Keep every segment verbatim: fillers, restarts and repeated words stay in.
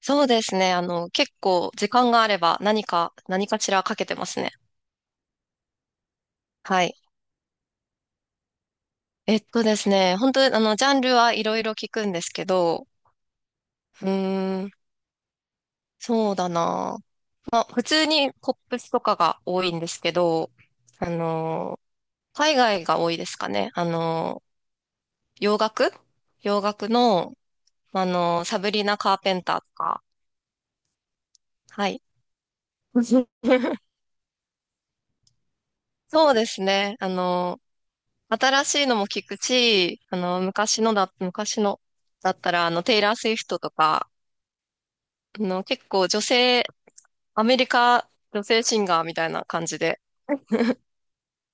そうですね。あの、結構時間があれば何か、何かしらかけてますね。はい。えっとですね、本当にあの、ジャンルはいろいろ聞くんですけど、うーん、そうだな。まあ、普通にポップスとかが多いんですけど、あの、海外が多いですかね。あの、洋楽洋楽の、あの、サブリナ・カーペンターとか、はい。そうですね。あの、新しいのも聞くし、あの、昔のだ、昔のだったら、あの、テイラー・スウィフトとか、あの、結構女性、アメリカ女性シンガーみたいな感じで、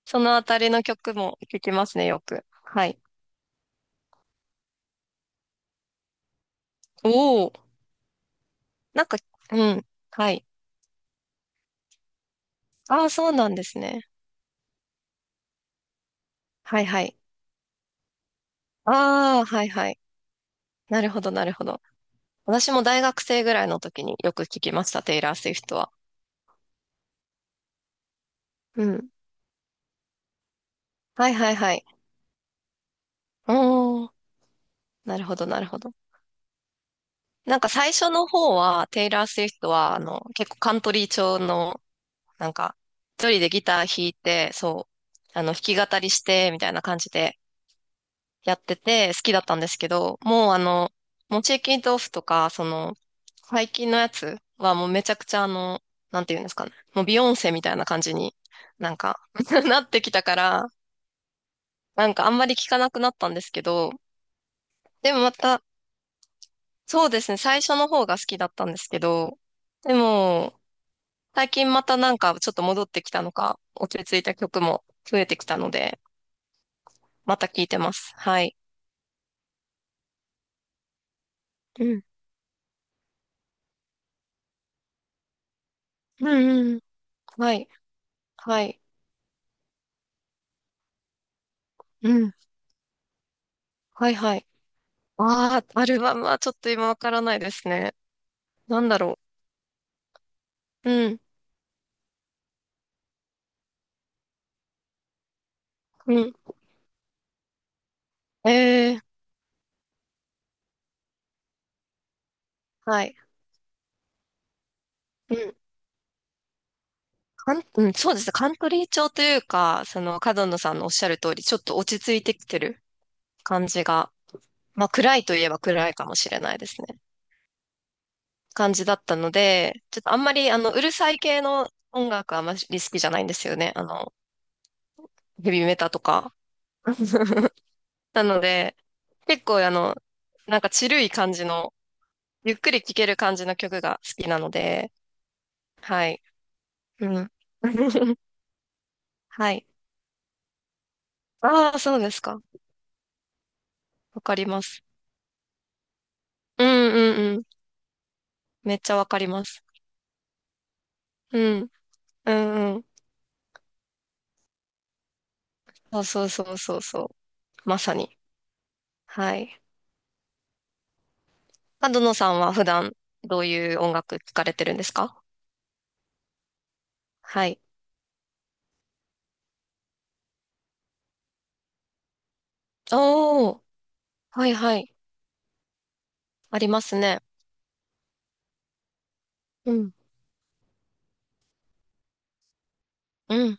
そのあたりの曲も聞きますね、よく。はい。おお、なんか、うん、はい。ああ、そうなんですね。はいはい。ああ、はいはい。なるほど、なるほど。私も大学生ぐらいの時によく聞きました、テイラー・スウィフトは。うん。はいはいはい。おお、なるほど、なるほど。なんか最初の方は、テイラー・スウィフトは、あの、結構カントリー調の、なんか、一人でギター弾いて、そう、あの、弾き語りして、みたいな感じでやってて、好きだったんですけど、もうあの、モチーキントーフとか、その、最近のやつはもうめちゃくちゃあの、なんていうんですかね、もうビヨンセみたいな感じになんか なってきたから、なんかあんまり聞かなくなったんですけど、でもまた、そうですね、最初の方が好きだったんですけど、でも、最近またなんかちょっと戻ってきたのか、落ち着いた曲も増えてきたので、また聴いてます。はい。うん。うんうん。はい。はい。うん。はいはい。ああ、アルバムはちょっと今わからないですね。なんだろう。うん。うん。ええ、はい。うん。カン、うん、そうですね。カントリー調というか、その、角野さんのおっしゃる通り、ちょっと落ち着いてきてる感じが、まあ、暗いといえば暗いかもしれないですね。感じだったので、ちょっとあんまりあの、うるさい系の音楽はあまり好きじゃないんですよね。あの、ヘビメタとか。なので、結構あの、なんかチルい感じの、ゆっくり聴ける感じの曲が好きなので、はい。うん。はい。ああ、そうですか。わかります。うんうんうん。めっちゃわかります。うん。うんうん。そうそうそうそうそう。まさに。はい。角野さんは普段どういう音楽聴かれてるんですか？はい。おー、はいはい。ありますね。うん。うん。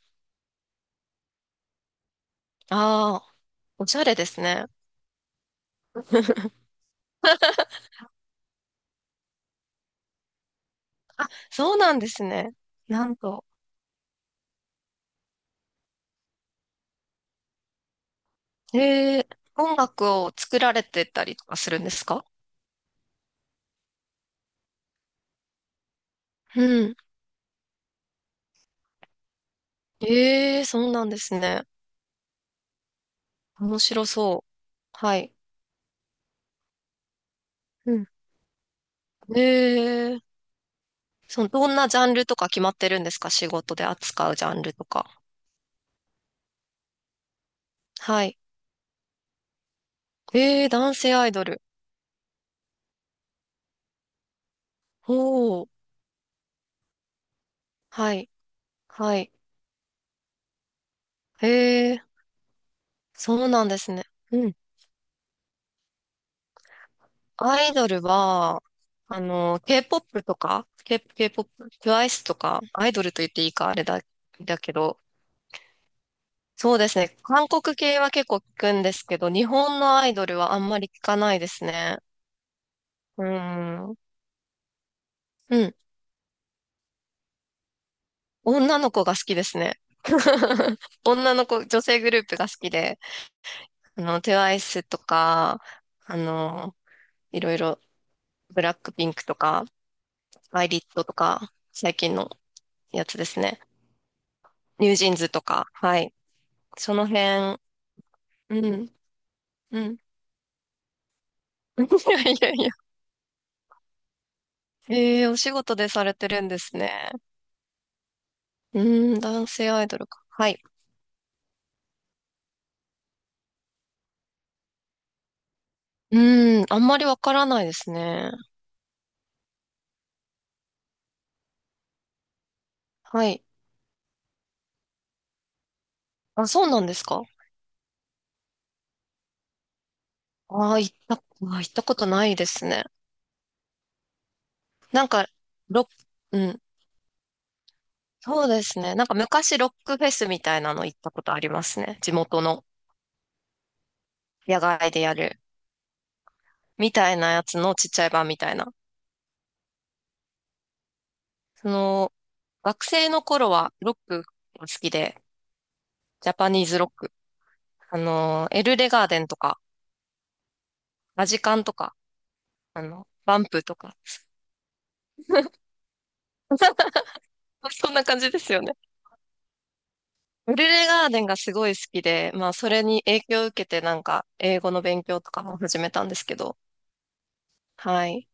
ああ、おしゃれですね。そうなんですね。なんと。えー、音楽を作られてたりとかするんですか？うん。えー、そうなんですね。面白そう。はい。うん。えー、その、どんなジャンルとか決まってるんですか？仕事で扱うジャンルとか。はい。えー、男性アイドル。おー、はい。はい。えー、そうなんですね。うん。アイドルは、あの、K-ケーポップ とか、K、K-ケーポップ、トゥワイス とか、アイドルと言っていいか、あれだ、だけど、そうですね。韓国系は結構聞くんですけど、日本のアイドルはあんまり聞かないですね。うん。うん。女の子が好きですね。女の子、女性グループが好きで、あの、トゥワイス とか、あの、いろいろ、ブラックピンクとか、アイリットとか、最近のやつですね。ニュージーンズとか、はい。その辺、うん、うん。いやいやいや。ええ、お仕事でされてるんですね。うーん、男性アイドルか。はい。うーん、あんまりわからないですね。はい。あ、そうなんですか？ああ、行った、あー行ったことないですね。なんか、ロック、うん、そうですね。なんか昔ロックフェスみたいなの行ったことありますね。地元の野外でやる。みたいなやつのちっちゃい版みたいな。その、学生の頃はロックが好きで、ジャパニーズロック。あの、エルレガーデンとか、ラジカンとか、あの、バンプとか。そんな感じですよね。エルレガーデンがすごい好きで、まあ、それに影響を受けて、なんか、英語の勉強とかも始めたんですけど、はい。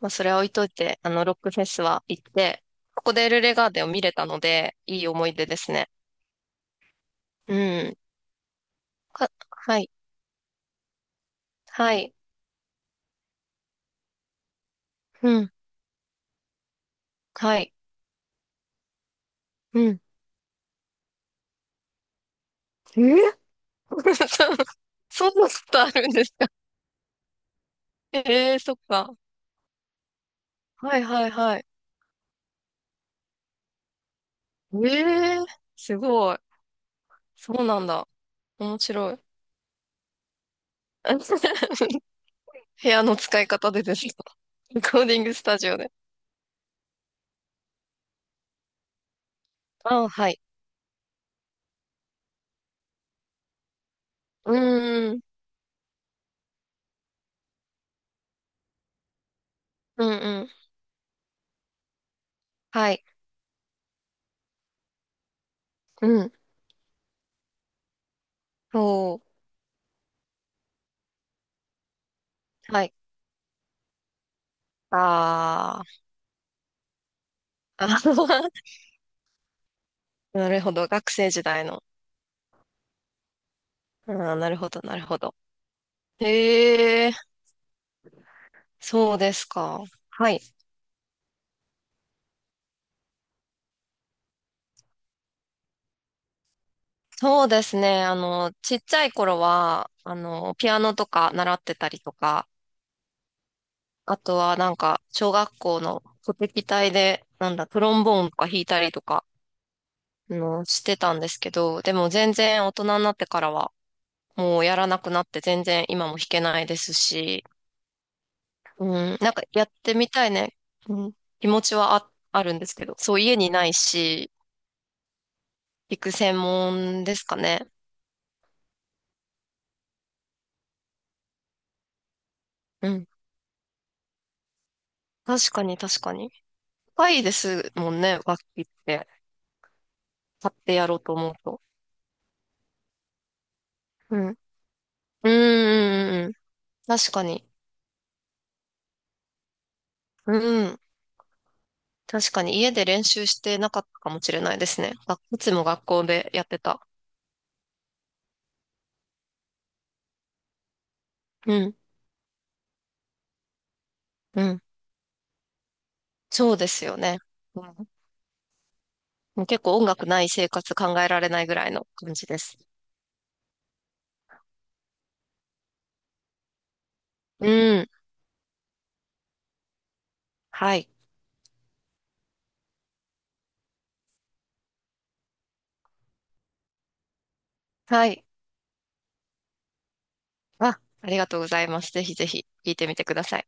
まあ、それは置いといて、あの、ロックフェスは行って、ここでエルレガーデンを見れたので、いい思い出ですね。うん。かはい。はい。うん。はい。うん。えー、 そんなことあるんですか？え、 えー、そっか。はいはいはい。ええー、すごい。そうなんだ。面白い。部屋の使い方でですか？レコーディングスタジオで。あはい。うーん。うんうん。はい。うん。そう。はい。ああ。あー、 なるほど。学生時代の。あー、なるほど、なるほど。へえ、そうですか。はい。そうですね。あの、ちっちゃい頃は、あの、ピアノとか習ってたりとか、あとはなんか、小学校の鼓劇隊で、なんだ、トロンボーンとか弾いたりとか、あの、してたんですけど、でも全然大人になってからは、もうやらなくなって全然今も弾けないですし、うん、なんかやってみたいね、うん、気持ちはあ、あるんですけど、そう家にないし、弾く専門ですかね。うん。確かに確かに。高いですもんね、楽器って。買ってやろうと思うと。うん。うん、うん、うん。うん、確かに。うん。確かに家で練習してなかったかもしれないですね。学いつも学校でやってた。うん、うん。そうですよね。うん、もう結構音楽ない生活考えられないぐらいの感じです。うん。はい。はい。あ、ありがとうございます。ぜひぜひ聞いてみてください。